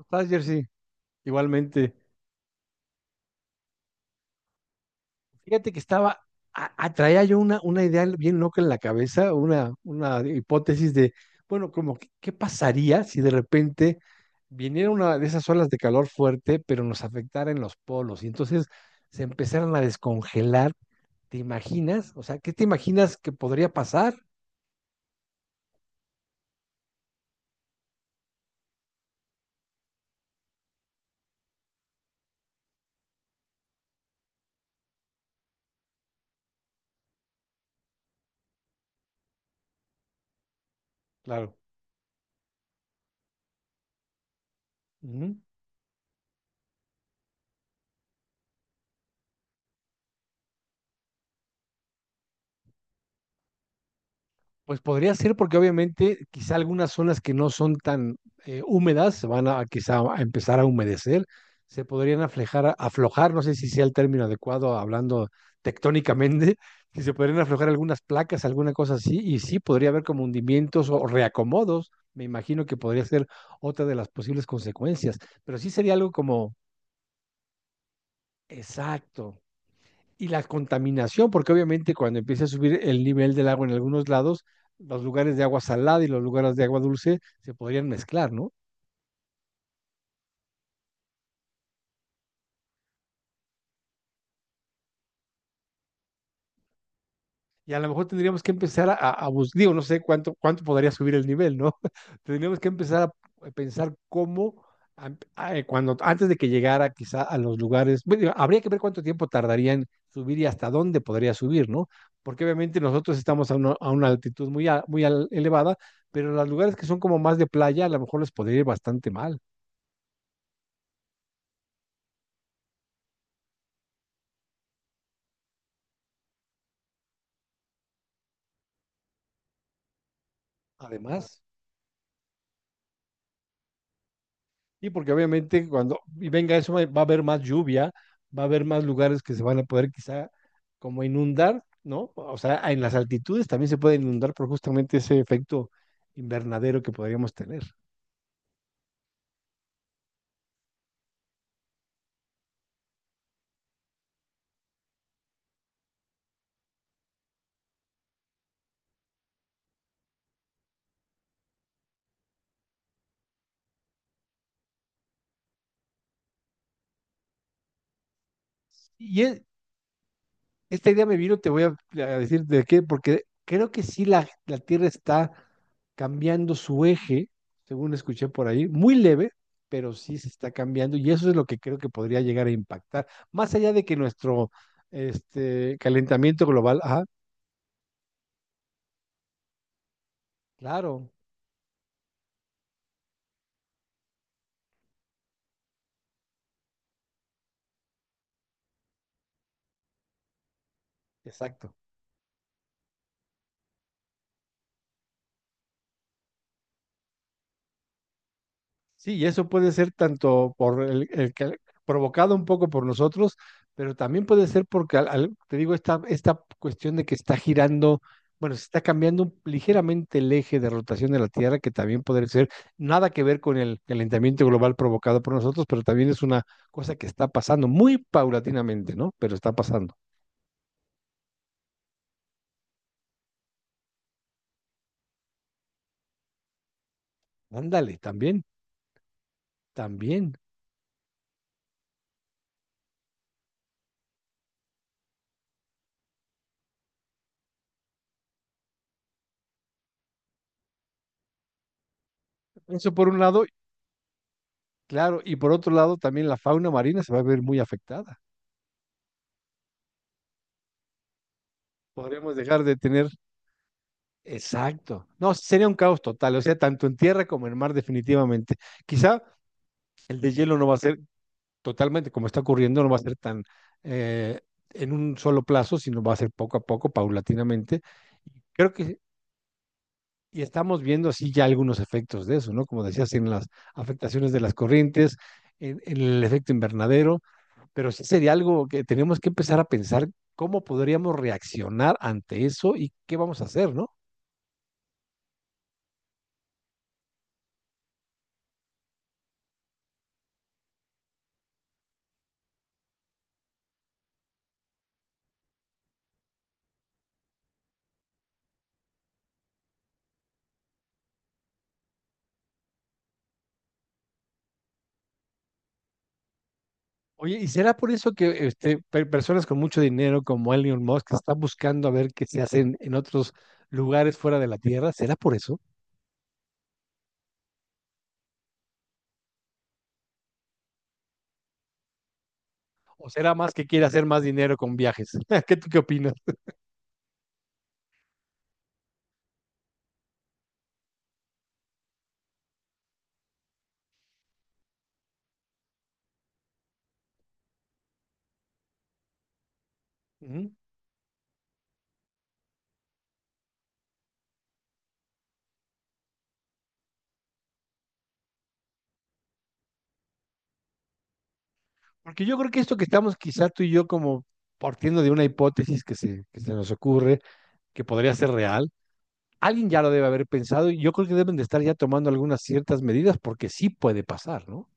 Estás, Jersey, igualmente. Fíjate que estaba, atraía yo una idea bien loca en la cabeza, una hipótesis de, bueno, como, que, ¿qué pasaría si de repente viniera una de esas olas de calor fuerte, pero nos afectara en los polos? Y entonces se empezaran a descongelar. ¿Te imaginas? O sea, ¿qué te imaginas que podría pasar? Claro. Ujú. Pues podría ser porque obviamente quizá algunas zonas que no son tan húmedas se van a quizá a empezar a humedecer, se podrían aflejar, aflojar, no sé si sea el término adecuado hablando tectónicamente, si se podrían aflojar algunas placas, alguna cosa así, y sí podría haber como hundimientos o reacomodos, me imagino que podría ser otra de las posibles consecuencias, pero sí sería algo como exacto, y la contaminación, porque obviamente cuando empieza a subir el nivel del agua en algunos lados, los lugares de agua salada y los lugares de agua dulce se podrían mezclar, ¿no? Y a lo mejor tendríamos que empezar a buscar, digo, no sé cuánto, cuánto podría subir el nivel, ¿no? Tendríamos que empezar a pensar cómo, cuando, antes de que llegara quizá a los lugares, bueno, digo, habría que ver cuánto tiempo tardaría en subir y hasta dónde podría subir, ¿no? Porque obviamente nosotros estamos a una altitud muy, muy elevada, pero los lugares que son como más de playa, a lo mejor les podría ir bastante mal. Además. Y porque obviamente cuando y venga eso va a haber más lluvia, va a haber más lugares que se van a poder quizá como inundar, ¿no? O sea, en las altitudes también se puede inundar por justamente ese efecto invernadero que podríamos tener. Y es, esta idea me vino, te voy a decir de qué, porque creo que sí la Tierra está cambiando su eje, según escuché por ahí, muy leve, pero sí se está cambiando y eso es lo que creo que podría llegar a impactar, más allá de que nuestro este, calentamiento global, ajá, claro, exacto. Sí, y eso puede ser tanto por el provocado un poco por nosotros, pero también puede ser porque, te digo, esta cuestión de que está girando, bueno, se está cambiando ligeramente el eje de rotación de la Tierra, que también puede ser nada que ver con el calentamiento global provocado por nosotros, pero también es una cosa que está pasando muy paulatinamente, ¿no? Pero está pasando. Ándale, también, también. Eso por un lado, claro, y por otro lado, también la fauna marina se va a ver muy afectada. Podríamos dejar de tener exacto. No, sería un caos total, o sea, tanto en tierra como en mar, definitivamente. Quizá el de hielo no va a ser totalmente, como está ocurriendo, no va a ser tan eh, en un solo plazo, sino va a ser poco a poco, paulatinamente. Y creo que y estamos viendo así ya algunos efectos de eso, ¿no? Como decías, en las afectaciones de las corrientes, en el efecto invernadero, pero sí sería algo que tenemos que empezar a pensar cómo podríamos reaccionar ante eso y qué vamos a hacer, ¿no? Oye, ¿y será por eso que este, personas con mucho dinero como Elon Musk están buscando a ver qué se hacen en otros lugares fuera de la Tierra? ¿Será por eso? ¿O será más que quiere hacer más dinero con viajes? ¿Qué tú qué opinas? Ujú. Porque yo creo que esto que estamos quizá tú y yo como partiendo de una hipótesis que se nos ocurre, que podría ser real, alguien ya lo debe haber pensado y yo creo que deben de estar ya tomando algunas ciertas medidas porque sí puede pasar, ¿no?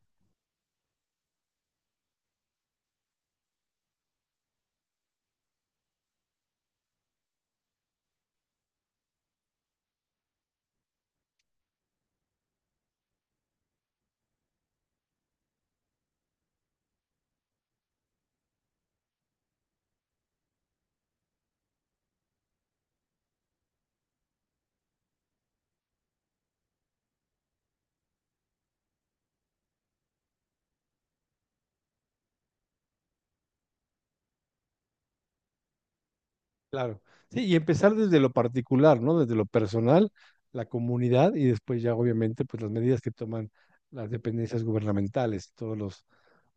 Claro. Sí, y empezar desde lo particular, ¿no? Desde lo personal, la comunidad y después ya obviamente pues las medidas que toman las dependencias gubernamentales, todos los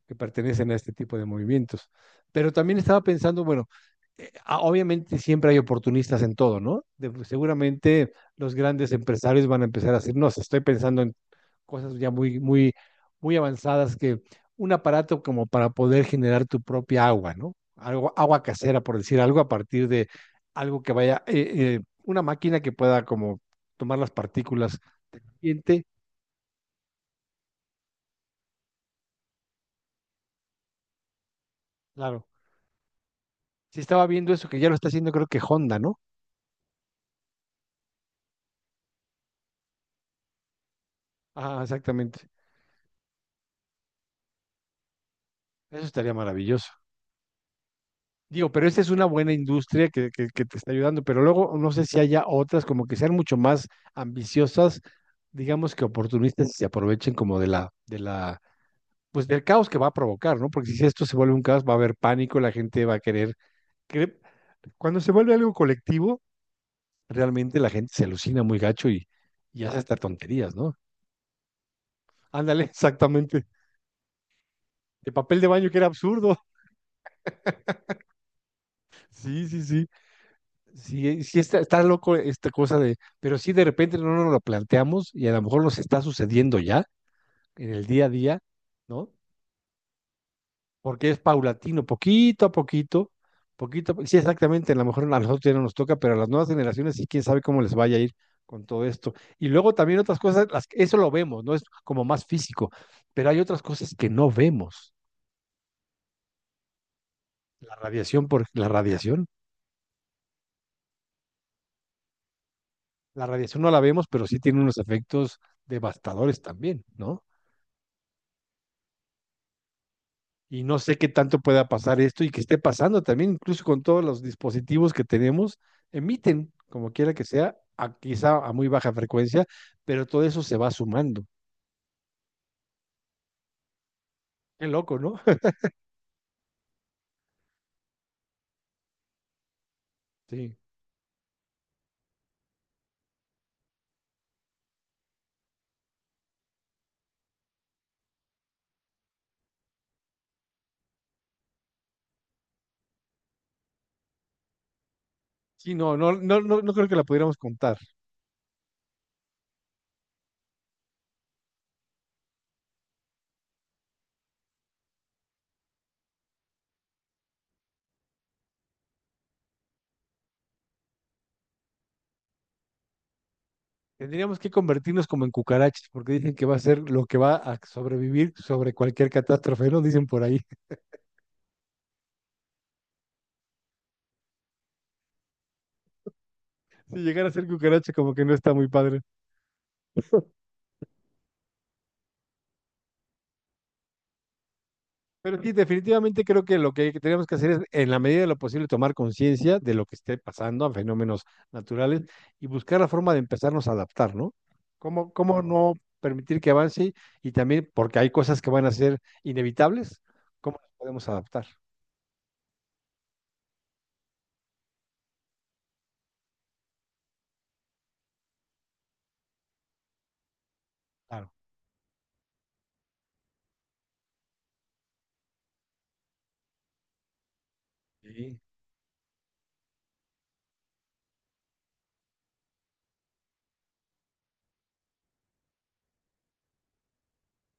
que pertenecen a este tipo de movimientos. Pero también estaba pensando, bueno, obviamente siempre hay oportunistas en todo, ¿no? Seguramente los grandes empresarios van a empezar a decir, no, si estoy pensando en cosas ya muy avanzadas que un aparato como para poder generar tu propia agua, ¿no? Algo, agua casera, por decir algo, a partir de algo que vaya, una máquina que pueda como tomar las partículas. Siente claro. Si estaba viendo eso, que ya lo está haciendo, creo que Honda, ¿no? Ah, exactamente. Eso estaría maravilloso. Digo, pero esa es una buena industria que te está ayudando, pero luego no sé si haya otras como que sean mucho más ambiciosas, digamos que oportunistas y se aprovechen como de de la pues del caos que va a provocar, ¿no? Porque si esto se vuelve un caos, va a haber pánico, la gente va a querer. cre- Cuando se vuelve algo colectivo, realmente la gente se alucina muy gacho y hace hasta tonterías, ¿no? Ándale, exactamente. El papel de baño que era absurdo. Sí, sí, sí. Sí, sí está, está loco esta cosa de, pero sí de repente no nos lo planteamos y a lo mejor nos está sucediendo ya en el día a día, ¿no? Porque es paulatino, poquito a poquito, sí, exactamente, a lo mejor a nosotros ya no nos toca, pero a las nuevas generaciones sí, quién sabe cómo les vaya a ir con todo esto. Y luego también otras cosas, las, eso lo vemos, ¿no? Es como más físico, pero hay otras cosas que no vemos. La radiación, por, la radiación, la radiación no la vemos, pero sí tiene unos efectos devastadores también, ¿no? Y no sé qué tanto pueda pasar esto y que esté pasando también, incluso con todos los dispositivos que tenemos, emiten, como quiera que sea, quizá a muy baja frecuencia, pero todo eso se va sumando. Qué loco, ¿no? Sí. Sí, no, no, no, no, no creo que la pudiéramos contar. Tendríamos que convertirnos como en cucarachas, porque dicen que va a ser lo que va a sobrevivir sobre cualquier catástrofe, ¿no? Dicen por ahí. Si llegar a ser cucaracha, como que no está muy padre. Pero sí, definitivamente creo que lo que tenemos que hacer es, en la medida de lo posible, tomar conciencia de lo que esté pasando a fenómenos naturales y buscar la forma de empezarnos a adaptar, ¿no? ¿Cómo, cómo no permitir que avance y también porque hay cosas que van a ser inevitables, cómo nos podemos adaptar? Claro. Y,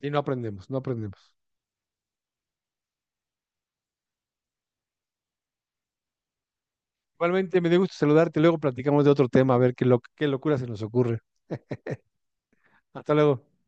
y no aprendemos, no aprendemos. Igualmente, me dio gusto saludarte, luego platicamos de otro tema, a ver qué, lo, qué locura se nos ocurre. Hasta luego.